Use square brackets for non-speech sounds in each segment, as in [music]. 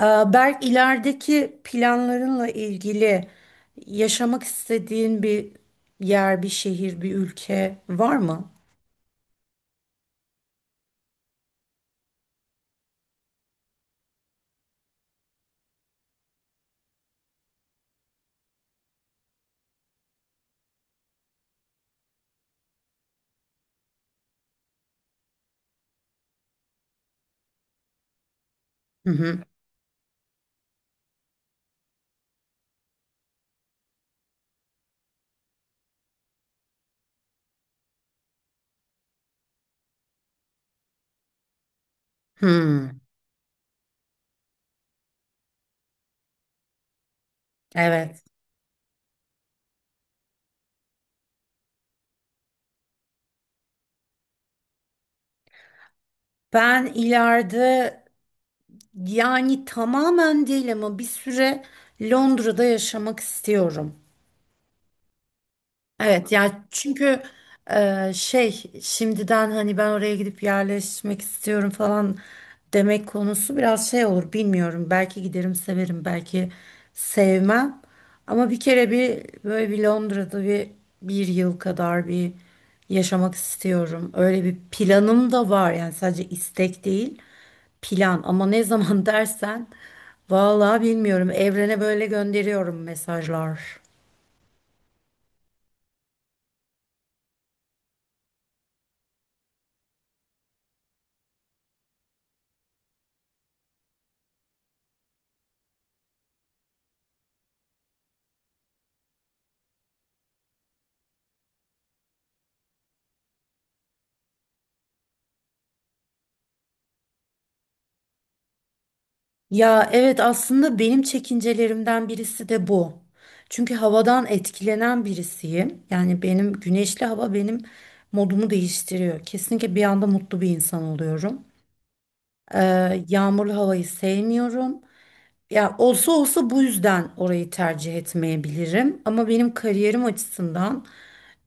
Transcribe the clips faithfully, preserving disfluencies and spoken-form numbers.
Ee, Berk, ilerideki planlarınla ilgili yaşamak istediğin bir yer, bir şehir, bir ülke var mı? Hı hı. Hmm, evet. Ben ileride, yani tamamen değil ama bir süre Londra'da yaşamak istiyorum. Evet ya, çünkü e, şey şimdiden hani ben oraya gidip yerleşmek istiyorum falan demek konusu biraz şey olur, bilmiyorum. Belki giderim severim, belki sevmem. Ama bir kere bir böyle bir Londra'da bir bir yıl kadar bir yaşamak istiyorum. Öyle bir planım da var, yani sadece istek değil, plan, ama ne zaman [laughs] dersen vallahi bilmiyorum, evrene böyle gönderiyorum mesajlar. Ya evet, aslında benim çekincelerimden birisi de bu. Çünkü havadan etkilenen birisiyim. Yani benim güneşli hava benim modumu değiştiriyor. Kesinlikle bir anda mutlu bir insan oluyorum. Ee, yağmurlu havayı sevmiyorum. Ya olsa olsa bu yüzden orayı tercih etmeyebilirim. Ama benim kariyerim açısından,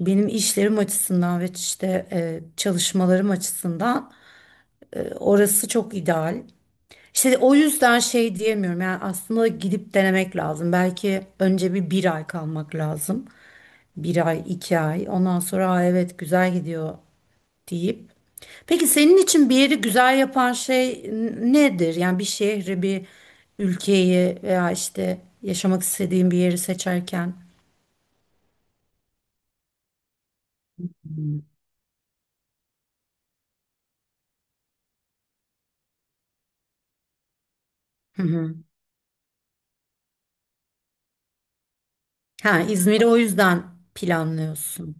benim işlerim açısından ve işte e, çalışmalarım açısından e, orası çok ideal. İşte o yüzden şey diyemiyorum. Yani aslında gidip denemek lazım. Belki önce bir bir ay kalmak lazım. Bir ay, iki ay. Ondan sonra aa, evet, güzel gidiyor deyip. Peki senin için bir yeri güzel yapan şey n- nedir? Yani bir şehri, bir ülkeyi veya işte yaşamak istediğin bir yeri seçerken. Ha, İzmir'i o yüzden planlıyorsun.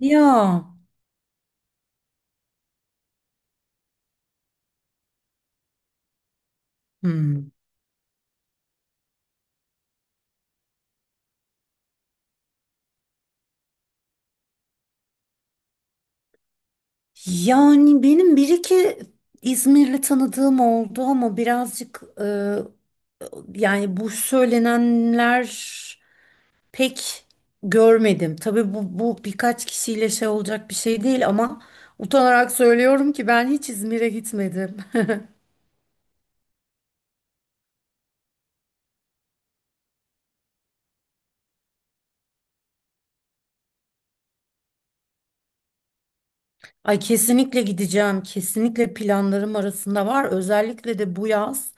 Ya. Hmm. Yani benim bir iki İzmirli tanıdığım oldu ama birazcık, yani bu söylenenler pek görmedim. Tabii bu, bu birkaç kişiyle şey olacak bir şey değil ama utanarak söylüyorum ki ben hiç İzmir'e gitmedim. [laughs] Ay, kesinlikle gideceğim. Kesinlikle planlarım arasında var. Özellikle de bu yaz.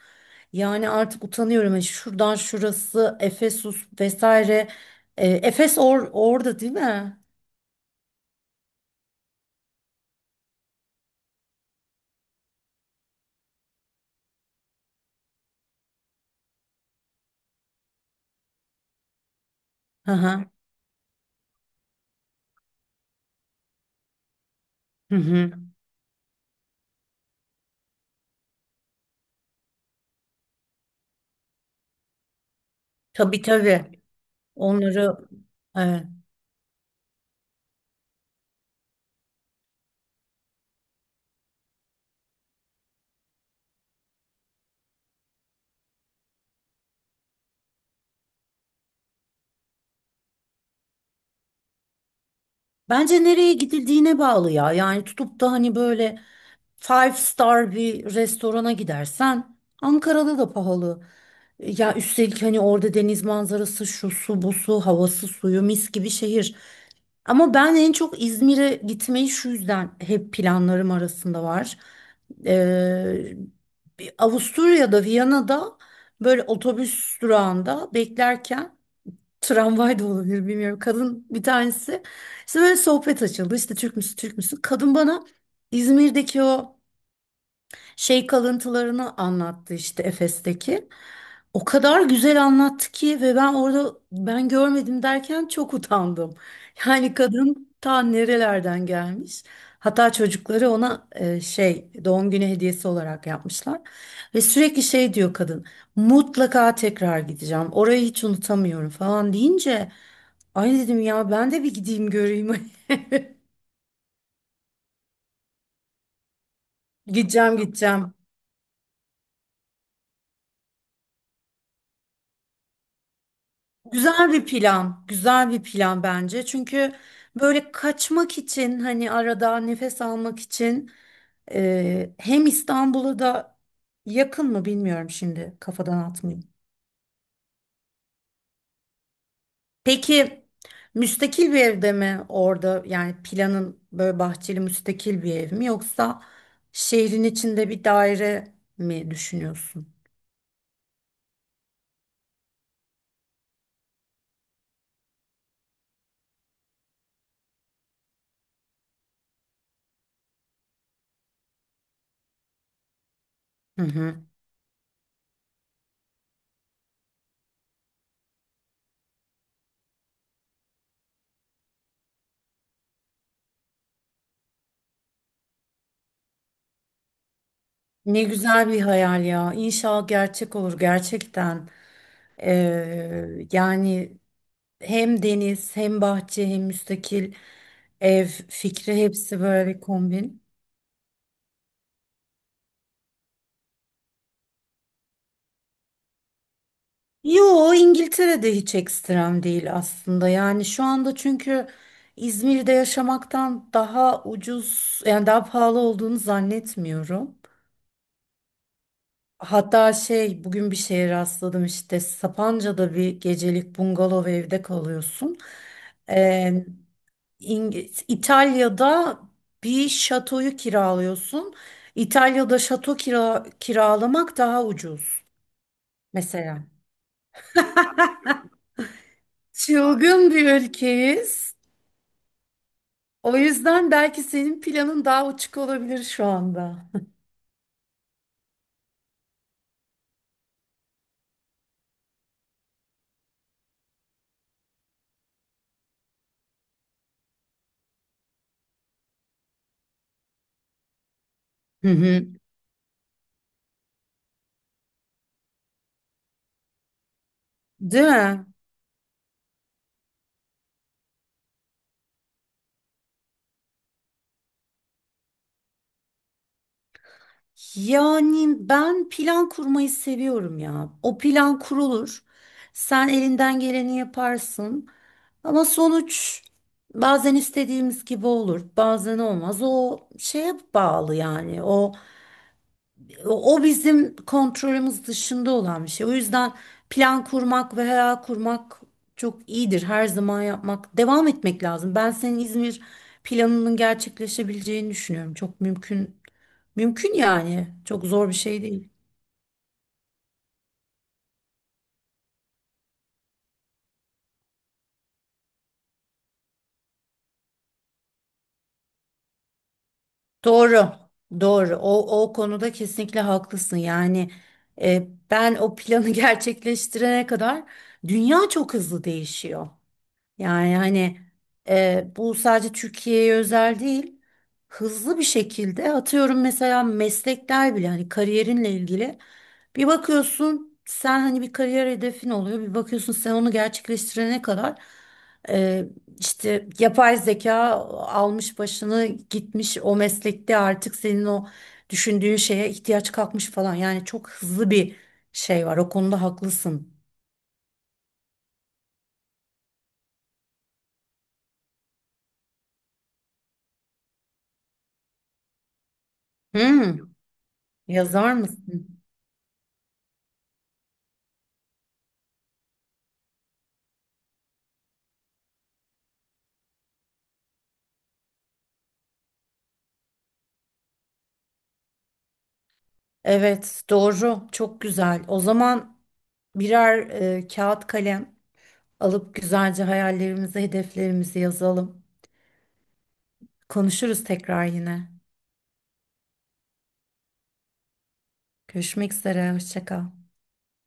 Yani artık utanıyorum. Yani şuradan şurası, Efesus vesaire. E, Efes or orada değil mi? Hı hı. Hı hı. Tabii, tabii. Onları, evet. Bence nereye gidildiğine bağlı ya. Yani tutup da hani böyle five star bir restorana gidersen Ankara'da da pahalı. Ya üstelik hani orada deniz manzarası, şu su, bu su, havası, suyu mis gibi şehir. Ama ben en çok İzmir'e gitmeyi şu yüzden hep planlarım arasında var. Ee, Bir Avusturya'da, Viyana'da böyle otobüs durağında beklerken, tramvay da olabilir bilmiyorum, kadın bir tanesi. İşte böyle sohbet açıldı. İşte Türk müsün, Türk müsün? Kadın bana İzmir'deki o şey kalıntılarını anlattı, işte Efes'teki. O kadar güzel anlattı ki ve ben orada ben görmedim derken çok utandım. [laughs] Yani kadın ta nerelerden gelmiş. Hatta çocukları ona e, şey doğum günü hediyesi olarak yapmışlar. Ve sürekli şey diyor kadın. Mutlaka tekrar gideceğim. Orayı hiç unutamıyorum falan deyince, ay dedim ya, ben de bir gideyim göreyim. [laughs] Gideceğim, gideceğim. Güzel bir plan. Güzel bir plan bence. Çünkü böyle kaçmak için, hani arada nefes almak için, e, hem İstanbul'a da yakın mı bilmiyorum, şimdi kafadan atmayayım. Peki müstakil bir evde mi orada, yani planın böyle bahçeli müstakil bir ev mi yoksa şehrin içinde bir daire mi düşünüyorsun? Hı hı. Ne güzel bir hayal ya. İnşallah gerçek olur gerçekten. Ee, yani hem deniz, hem bahçe, hem müstakil ev fikri, hepsi böyle bir kombin. Yo, İngiltere'de hiç ekstrem değil aslında. Yani şu anda çünkü İzmir'de yaşamaktan daha ucuz, yani daha pahalı olduğunu zannetmiyorum. Hatta şey, bugün bir şeye rastladım, işte Sapanca'da bir gecelik bungalov evde kalıyorsun. Ee, İng- İtalya'da bir şatoyu kiralıyorsun. İtalya'da şato kira kiralamak daha ucuz mesela. Çılgın bir ülkeyiz. O yüzden belki senin planın daha uçuk olabilir şu anda. Hı hı. Değil mi? Yani ben plan kurmayı seviyorum ya. O plan kurulur. Sen elinden geleni yaparsın. Ama sonuç bazen istediğimiz gibi olur, bazen olmaz. O şeye bağlı yani. O o bizim kontrolümüz dışında olan bir şey. O yüzden plan kurmak ve hayal kurmak çok iyidir. Her zaman yapmak, devam etmek lazım. Ben senin İzmir planının gerçekleşebileceğini düşünüyorum. Çok mümkün, mümkün yani. Çok zor bir şey değil. Doğru, doğru. O, o konuda kesinlikle haklısın. Yani e, ben o planı [laughs] gerçekleştirene kadar dünya çok hızlı değişiyor. Yani hani e, bu sadece Türkiye'ye özel değil. Hızlı bir şekilde, atıyorum mesela, meslekler bile, hani kariyerinle ilgili bir bakıyorsun, sen hani bir kariyer hedefin oluyor, bir bakıyorsun sen onu gerçekleştirene kadar e, işte yapay zeka almış başını gitmiş, o meslekte artık senin o düşündüğün şeye ihtiyaç kalkmış falan. Yani çok hızlı bir şey var, o konuda haklısın. Hmm, Yazar mısın? Evet, doğru. Çok güzel. O zaman birer e, kağıt kalem alıp güzelce hayallerimizi, hedeflerimizi yazalım. Konuşuruz tekrar yine. Görüşmek üzere, hoşça kal.